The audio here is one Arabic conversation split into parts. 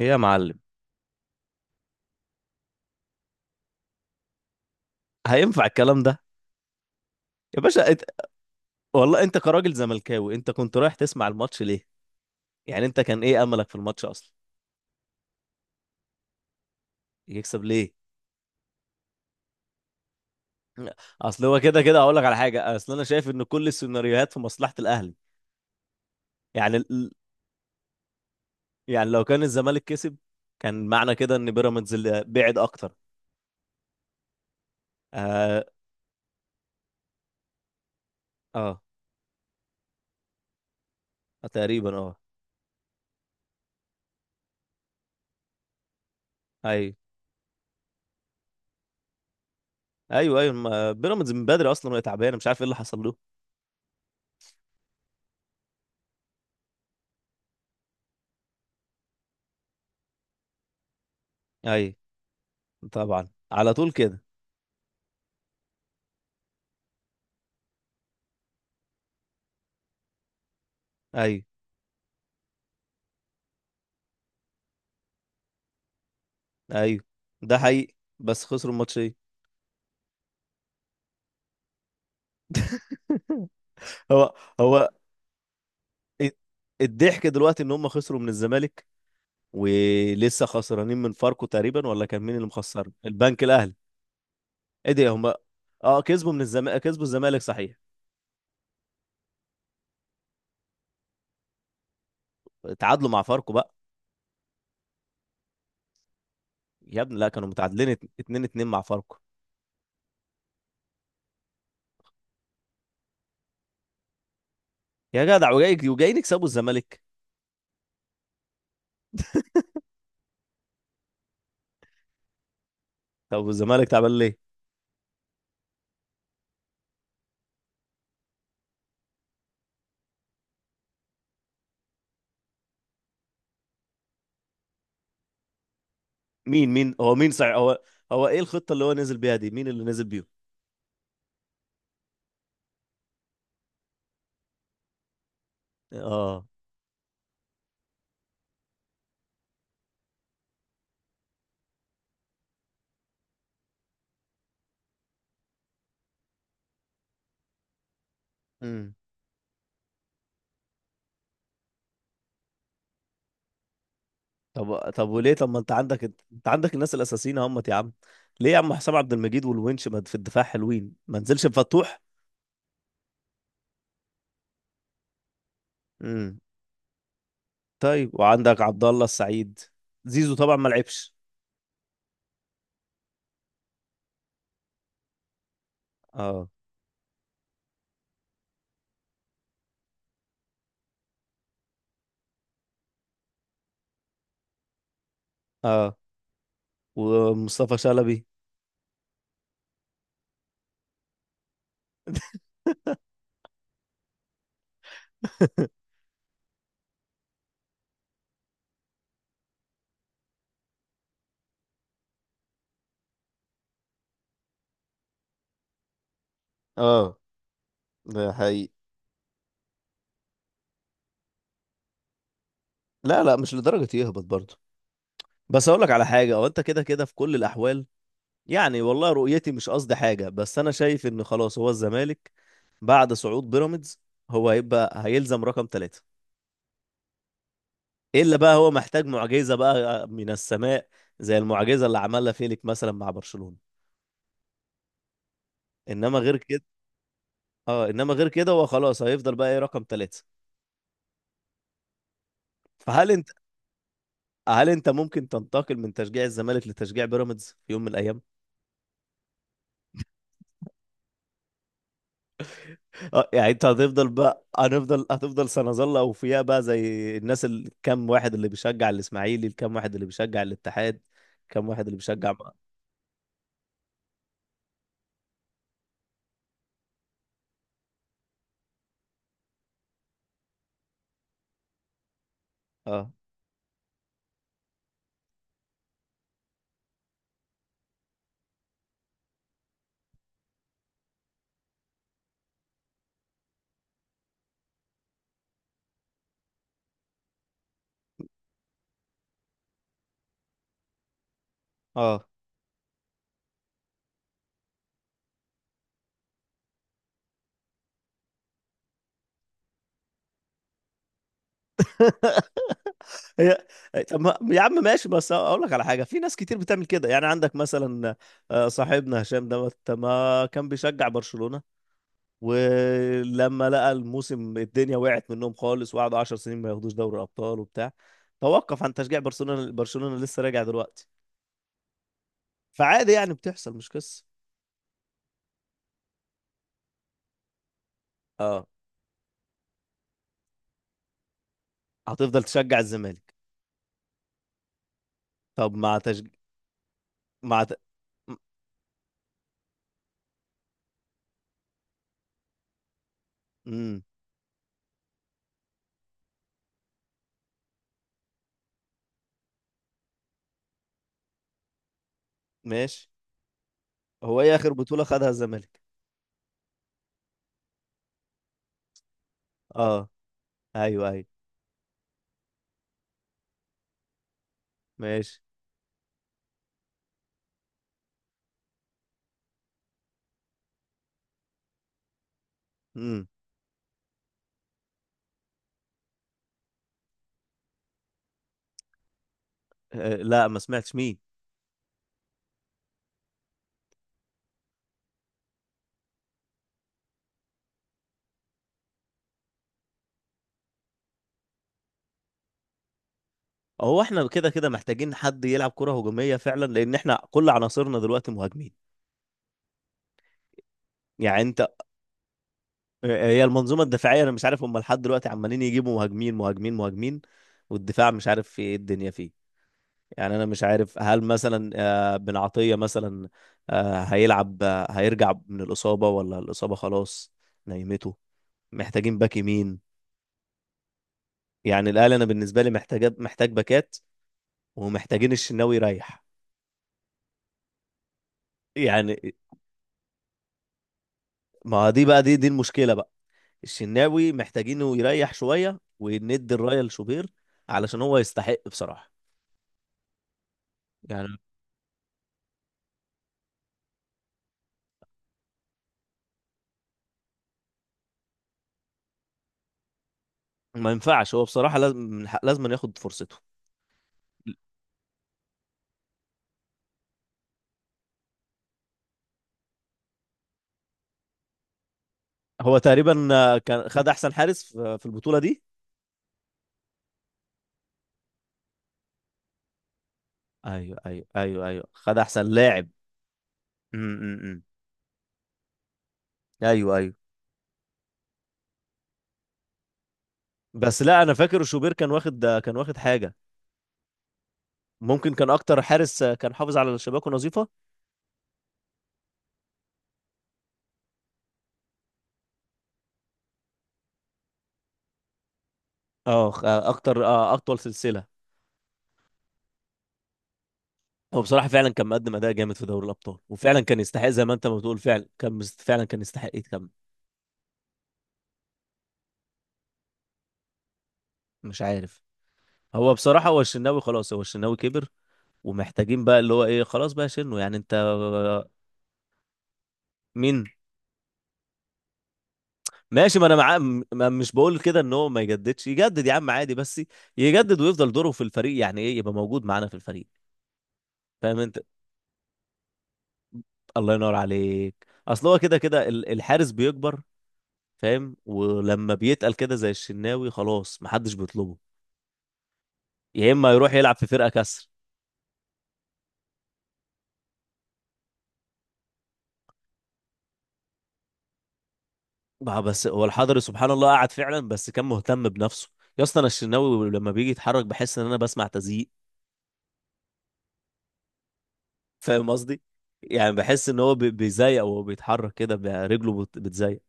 ايه يا معلم. هينفع الكلام ده؟ يا باشا انت. والله انت كراجل زملكاوي، انت كنت رايح تسمع الماتش ليه؟ يعني انت كان ايه املك في الماتش اصلا؟ يكسب ليه؟ اصل هو كده كده اقول لك على حاجه. اصل انا شايف ان كل السيناريوهات في مصلحه الاهلي. يعني ال... يعني لو كان الزمالك كسب كان معنى كده ان بيراميدز اللي بعد اكتر. اه اه. تقريبا، اه. ايوه ايوه ايوه، بيراميدز من بدري اصلا وهي تعبانه، مش عارف ايه اللي حصل له. ايوه. طبعا، على طول كده. ايوه، ايوه، ده حقيقي بس خسروا الماتشين. هو هو الضحك دلوقتي ان هم خسروا من الزمالك، ولسه خسرانين من فاركو تقريبا، ولا كان مين اللي مخسر البنك الاهلي؟ ايه ده هم؟ اه، كسبوا من الزمالك، كسبوا الزمالك صحيح. تعادلوا مع فاركو بقى. يا ابني لا، كانوا متعادلين 2-2 مع فاركو. يا جدع، وجاي وجايين يكسبوا الزمالك؟ طب الزمالك تعبان ليه؟ مين مين هو مين صحيح هو؟ هو ايه الخطة اللي هو نزل بيها دي؟ مين اللي نزل بيهم؟ اه. امم. طب وليه؟ طب ما انت عندك. انت عندك الناس الاساسيين اهمت يا عم. ليه يا عم، حسام عبد المجيد والونش ما في الدفاع حلوين، ما نزلش بفتوح؟ امم. طيب، وعندك عبد الله السعيد. زيزو طبعا ما لعبش. اه، اه. ومصطفى شلبي. اه، ده حقيقي. لا، لا، مش لدرجة يهبط برضه. بس اقول لك على حاجة، هو انت كده كده في كل الاحوال. يعني والله رؤيتي مش قصدي حاجة، بس انا شايف ان خلاص هو الزمالك بعد صعود بيراميدز هو هيبقى هيلزم رقم ثلاثة. الا بقى هو محتاج معجزه بقى من السماء، زي المعجزه اللي عملها فيليك مثلا مع برشلونه. انما غير كده. اه، انما غير كده، هو خلاص هيفضل بقى ايه، رقم ثلاثه. فهل انت هل انت ممكن تنتقل من تشجيع الزمالك لتشجيع بيراميدز في يوم من الايام؟ اه يعني انت هتفضل بقى، هنفضل، هتفضل، سنظل اوفياء بقى زي الناس، الكام واحد اللي بيشجع الاسماعيلي، الكام واحد اللي بيشجع الاتحاد، كام واحد اللي بيشجع بقى. اه، اه. هي. طب ما- يا عم ماشي، بس اقول لك على حاجه، في ناس كتير بتعمل كده. يعني عندك مثلا، صاحبنا هشام دوت، ما كان بيشجع برشلونه؟ ولما لقى الموسم الدنيا وقعت منهم خالص، وقعدوا 10 سنين ما ياخدوش دوري الابطال وبتاع، توقف عن تشجيع برشلونه. برشلونه لسه راجع دلوقتي. فعادي يعني، بتحصل، مش قصه. اه. هتفضل تشجع الزمالك. طب مع تشجيع. مع ت... امم ماشي. هو ايه اخر بطوله خدها الزمالك؟ اه. ايوه، ايوه. ماشي. امم. لا، ما سمعتش، مين؟ هو احنا كده كده محتاجين حد يلعب كرة هجومية فعلا، لان احنا كل عناصرنا دلوقتي مهاجمين. يعني انت هي المنظومة الدفاعية، انا مش عارف، هم لحد دلوقتي عمالين يجيبوا مهاجمين مهاجمين مهاجمين، والدفاع مش عارف في ايه الدنيا فيه. يعني انا مش عارف، هل مثلا بن عطية مثلا هيلعب، هيرجع من الإصابة ولا الإصابة خلاص نايمته؟ محتاجين باك يمين. يعني الأهلي انا بالنسبة لي محتاج باكات، ومحتاجين الشناوي يريح. يعني ما دي بقى، دي المشكله بقى. الشناوي محتاجينه يريح شويه وندي الرايه لشوبير علشان هو يستحق بصراحه. يعني ما ينفعش، هو بصراحه لازم، لازم ياخد فرصته. هو تقريبا كان خد احسن حارس في البطوله دي. ايوه، ايوه، ايوه، ايوه، خد احسن لاعب. م- م- م. ايوه، ايوه. بس لا، انا فاكر شوبير كان واخد، كان واخد حاجه. ممكن كان اكتر حارس كان حافظ على شباكه نظيفه. اه، اكتر، اطول سلسله. هو بصراحة فعلا كان مقدم أداء جامد في دوري الأبطال، وفعلا كان يستحق زي ما أنت ما بتقول. فعلا كان فعلا كان يستحق يتكمل. مش عارف. هو بصراحة، هو الشناوي خلاص، هو الشناوي كبر، ومحتاجين بقى اللي هو إيه، خلاص بقى شنو يعني أنت. مين؟ ماشي. ما أنا معاه، م- ما مش بقول كده إن هو ما يجددش. يجدد يا عم عادي، بس يجدد ويفضل دوره في الفريق. يعني إيه يبقى موجود معانا في الفريق. فاهم أنت. الله ينور عليك. أصل هو كده كده، الحارس بيكبر، فاهم، ولما بيتقل كده زي الشناوي خلاص محدش بيطلبه. يا اما يروح يلعب في فرقه كسر بقى. بس هو الحضري سبحان الله قعد فعلا، بس كان مهتم بنفسه. يا اسطى، انا الشناوي لما بيجي يتحرك بحس ان انا بسمع تزييق، فاهم قصدي؟ يعني بحس ان هو بيزيق، وهو بيتحرك كده رجله بتزيق.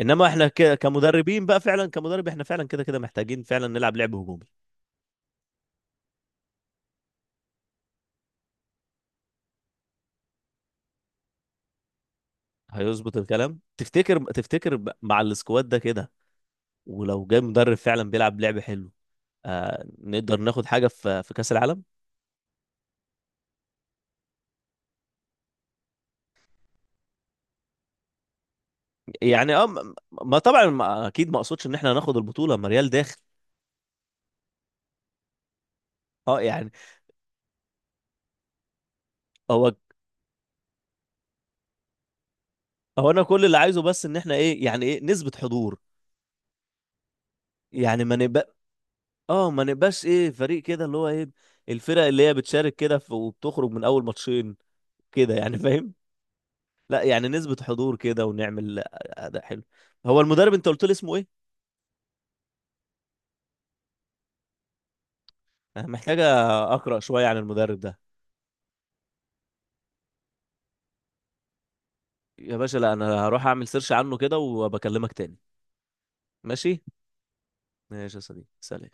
انما احنا كمدربين بقى، فعلا كمدرب احنا فعلا كده كده محتاجين فعلا نلعب لعب هجومي. هيظبط الكلام تفتكر؟ مع السكواد ده كده، ولو جاي مدرب فعلا بيلعب لعب حلو، آه نقدر ناخد حاجه في كاس العالم. يعني اه، م- ما طبعا، ما اكيد ما اقصدش ان احنا هناخد البطوله. ما ريال داخل. اه، يعني. هو هو انا كل اللي عايزه بس ان احنا ايه، يعني ايه نسبه حضور. يعني ما نبقى، اه، ما نبقاش ايه، فريق كده اللي هو ايه، الفرق اللي هي بتشارك كده وبتخرج من اول ماتشين كده، يعني فاهم. لا، يعني نسبه حضور كده، ونعمل اداء حلو. هو المدرب انت قلت لي اسمه ايه؟ انا محتاجه اقرا شويه عن المدرب ده. يا باشا، لا، انا هروح اعمل سيرش عنه كده وبكلمك تاني. ماشي. ماشي يا صديقي، سلام.